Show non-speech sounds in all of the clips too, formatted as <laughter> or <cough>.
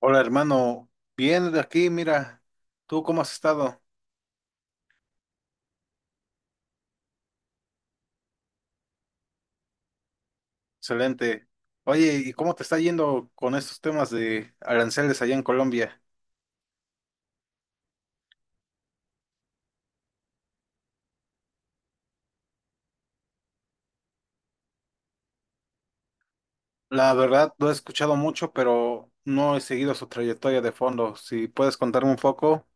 Hola hermano, bien de aquí, mira, ¿tú cómo has estado? Excelente. Oye, ¿y cómo te está yendo con estos temas de aranceles allá en Colombia? La verdad, lo he escuchado mucho, pero no he seguido su trayectoria de fondo. Si puedes contarme un poco.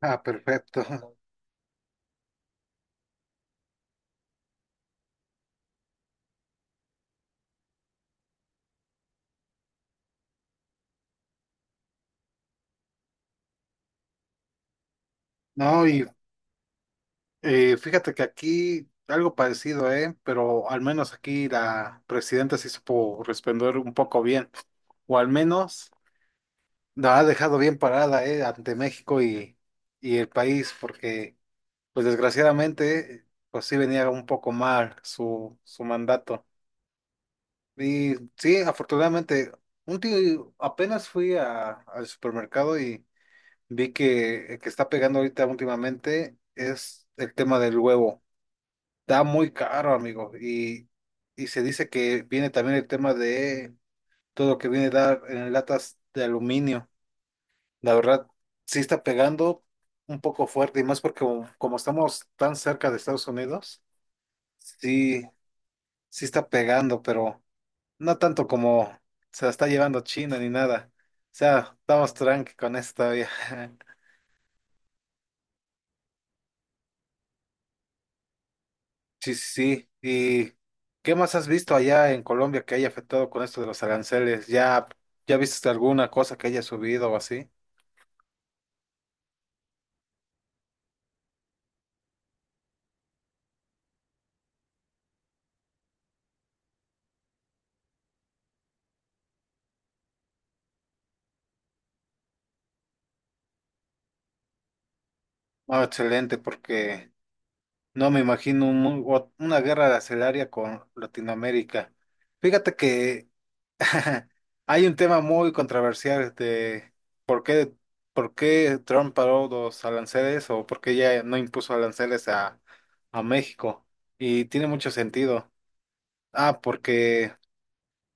Ah, perfecto. <laughs> No, y fíjate que aquí algo parecido, ¿eh? Pero al menos aquí la presidenta se supo responder un poco bien. O al menos, la ha dejado bien parada, ante México y el país, porque, pues desgraciadamente, pues sí venía un poco mal su mandato. Y sí, afortunadamente, un tío, apenas fui al supermercado y vi que el que está pegando ahorita últimamente es el tema del huevo. Está muy caro, amigo, y se dice que viene también el tema de todo lo que viene a dar en latas de aluminio. La verdad, sí está pegando un poco fuerte y más porque como estamos tan cerca de Estados Unidos, sí, sí está pegando, pero no tanto como se la está llevando China ni nada. O sea, estamos tranqui con esto todavía. <laughs> Sí, sí, sí. ¿Y qué más has visto allá en Colombia que haya afectado con esto de los aranceles? ¿Ya, ya viste alguna cosa que haya subido o así? No, excelente, porque no me imagino un una guerra arancelaria con Latinoamérica. Fíjate que <laughs> hay un tema muy controversial de por qué, por qué Trump paró los aranceles o por qué ya no impuso aranceles a México. Y tiene mucho sentido. Ah, porque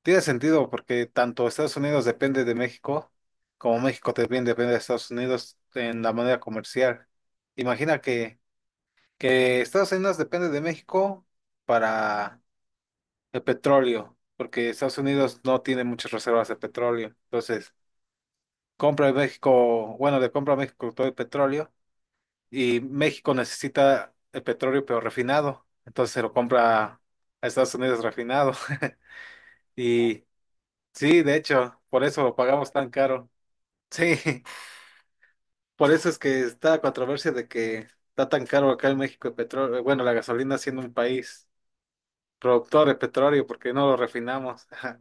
tiene sentido porque tanto Estados Unidos depende de México como México también depende de Estados Unidos en la manera comercial. Imagina que Estados Unidos depende de México para el petróleo, porque Estados Unidos no tiene muchas reservas de petróleo. Entonces, compra de México, bueno, le compra a México todo el petróleo y México necesita el petróleo pero refinado. Entonces se lo compra a Estados Unidos refinado. <laughs> Y sí, de hecho, por eso lo pagamos tan caro. Sí, <laughs> por eso es que está la controversia de que está tan caro acá en México el petróleo, bueno, la gasolina siendo un país productores petróleo, porque no lo refinamos. <laughs>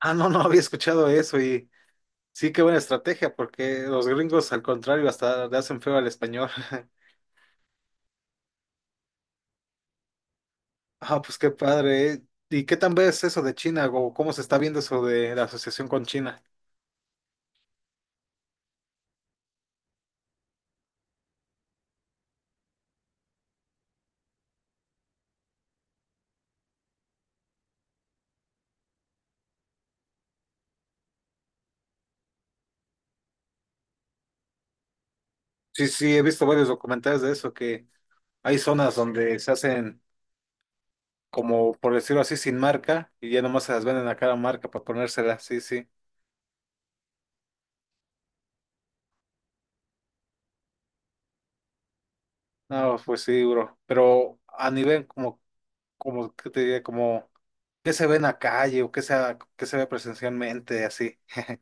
Ah, no, no había escuchado eso y sí, qué buena estrategia, porque los gringos, al contrario, hasta le hacen feo al español. <laughs> Ah, pues qué padre, ¿eh? ¿Y qué tan ves eso de China o cómo se está viendo eso de la asociación con China? Sí, sí, he visto varios documentales de eso, que hay zonas donde se hacen como, por decirlo así, sin marca y ya nomás se las venden a cada marca para ponérselas, sí, sí. No, pues sí, bro. Pero a nivel como, ¿qué te diría? Como ¿qué se ve en la calle o qué qué se ve presencialmente, así? <laughs>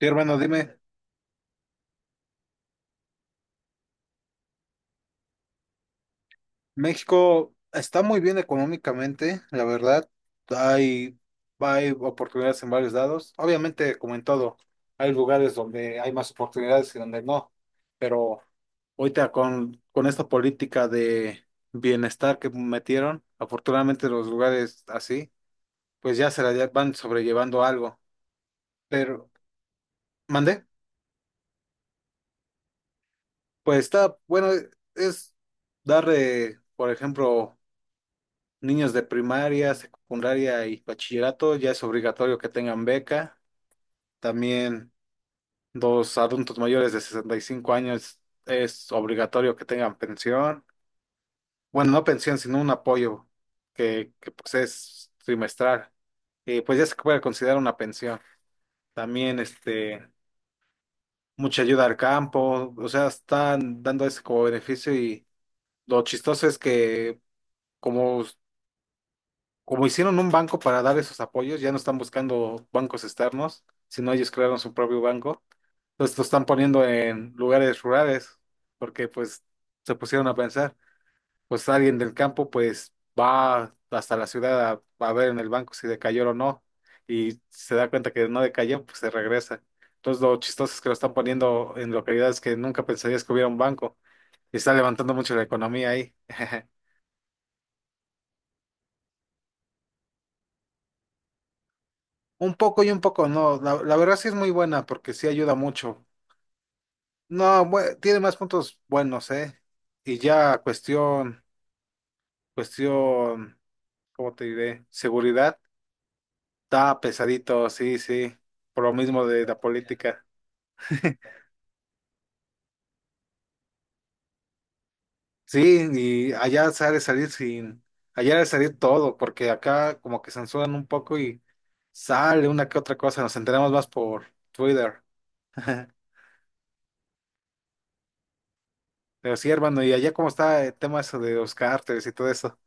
Sí, hermano, dime, México está muy bien económicamente, la verdad. Hay, hay oportunidades en varios lados. Obviamente, como en todo, hay lugares donde hay más oportunidades y donde no. Pero ahorita con esta política de bienestar que metieron, afortunadamente los lugares así, pues ya van sobrellevando algo. Pero, ¿mandé? Pues está, bueno, es dar, por ejemplo, niños de primaria, secundaria y bachillerato, ya es obligatorio que tengan beca. También los adultos mayores de 65 años es obligatorio que tengan pensión. Bueno, no pensión, sino un apoyo pues es trimestral. Y pues ya se puede considerar una pensión. También, este, mucha ayuda al campo, o sea, están dando ese como beneficio y lo chistoso es que como, como hicieron un banco para dar esos apoyos, ya no están buscando bancos externos, sino ellos crearon su propio banco. Entonces lo están poniendo en lugares rurales, porque pues se pusieron a pensar, pues alguien del campo pues va hasta la ciudad a ver en el banco si decayó o no, y se da cuenta que no decayó, pues se regresa. Entonces lo chistoso es que lo están poniendo en localidades que nunca pensarías que hubiera un banco, y está levantando mucho la economía ahí. <laughs> Un poco y un poco, no. La verdad sí es muy buena porque sí ayuda mucho. No, bue- tiene más puntos buenos, ¿eh? Y ya cuestión, ¿cómo te diré? Seguridad. Está pesadito, sí, sí. Por lo mismo de la política. <laughs> Sí, y allá sale salir sin, allá sale salir todo, porque acá como que censuran un poco y sale una que otra cosa, nos enteramos más por Twitter. <laughs> Pero sí, hermano, ¿y allá cómo está el tema eso de los cárteles y todo eso?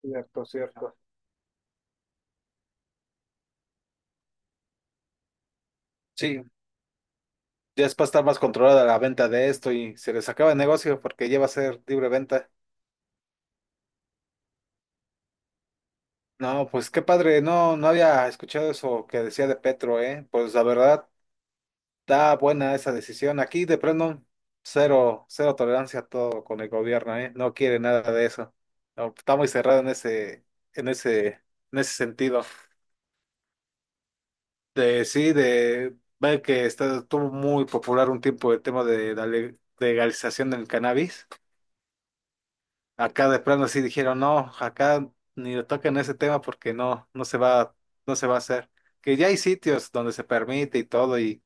Cierto, cierto. Sí, ya es para estar más controlada la venta de esto y se les acaba el negocio porque ya va a ser libre venta. No, pues qué padre, no, no había escuchado eso que decía de Petro, ¿eh? Pues la verdad, está buena esa decisión. Aquí de plano, cero, cero tolerancia a todo con el gobierno, ¿eh? No quiere nada de eso. No, está muy cerrado en en ese, en ese sentido. De sí, de ver que está, estuvo muy popular un tiempo el tema de la legalización del cannabis. Acá de plano sí dijeron, no, acá ni le toquen ese tema porque no se va a hacer. Que ya hay sitios donde se permite y todo, y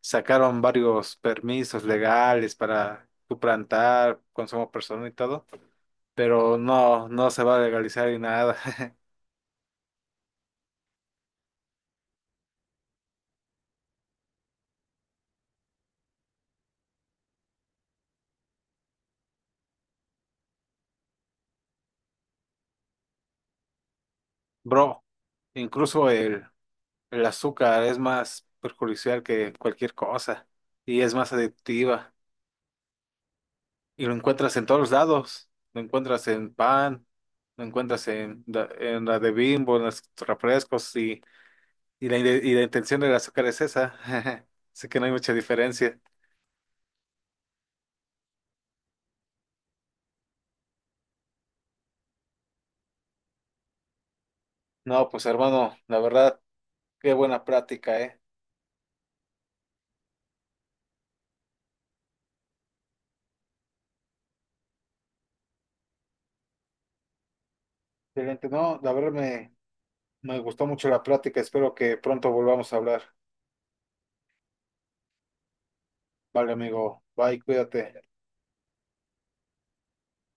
sacaron varios permisos legales para tu plantar, consumo personal y todo, pero no, no se va a legalizar ni nada. <laughs> Bro, incluso el azúcar es más perjudicial que cualquier cosa y es más adictiva. Y lo encuentras en todos lados. Lo encuentras en pan, lo encuentras en la de Bimbo, en los refrescos y la intención del azúcar es esa. <laughs> Así que no hay mucha diferencia. No, pues hermano, la verdad, qué buena práctica, ¿eh? Excelente. No, me gustó mucho la práctica. Espero que pronto volvamos a hablar. Vale, amigo. Bye, cuídate.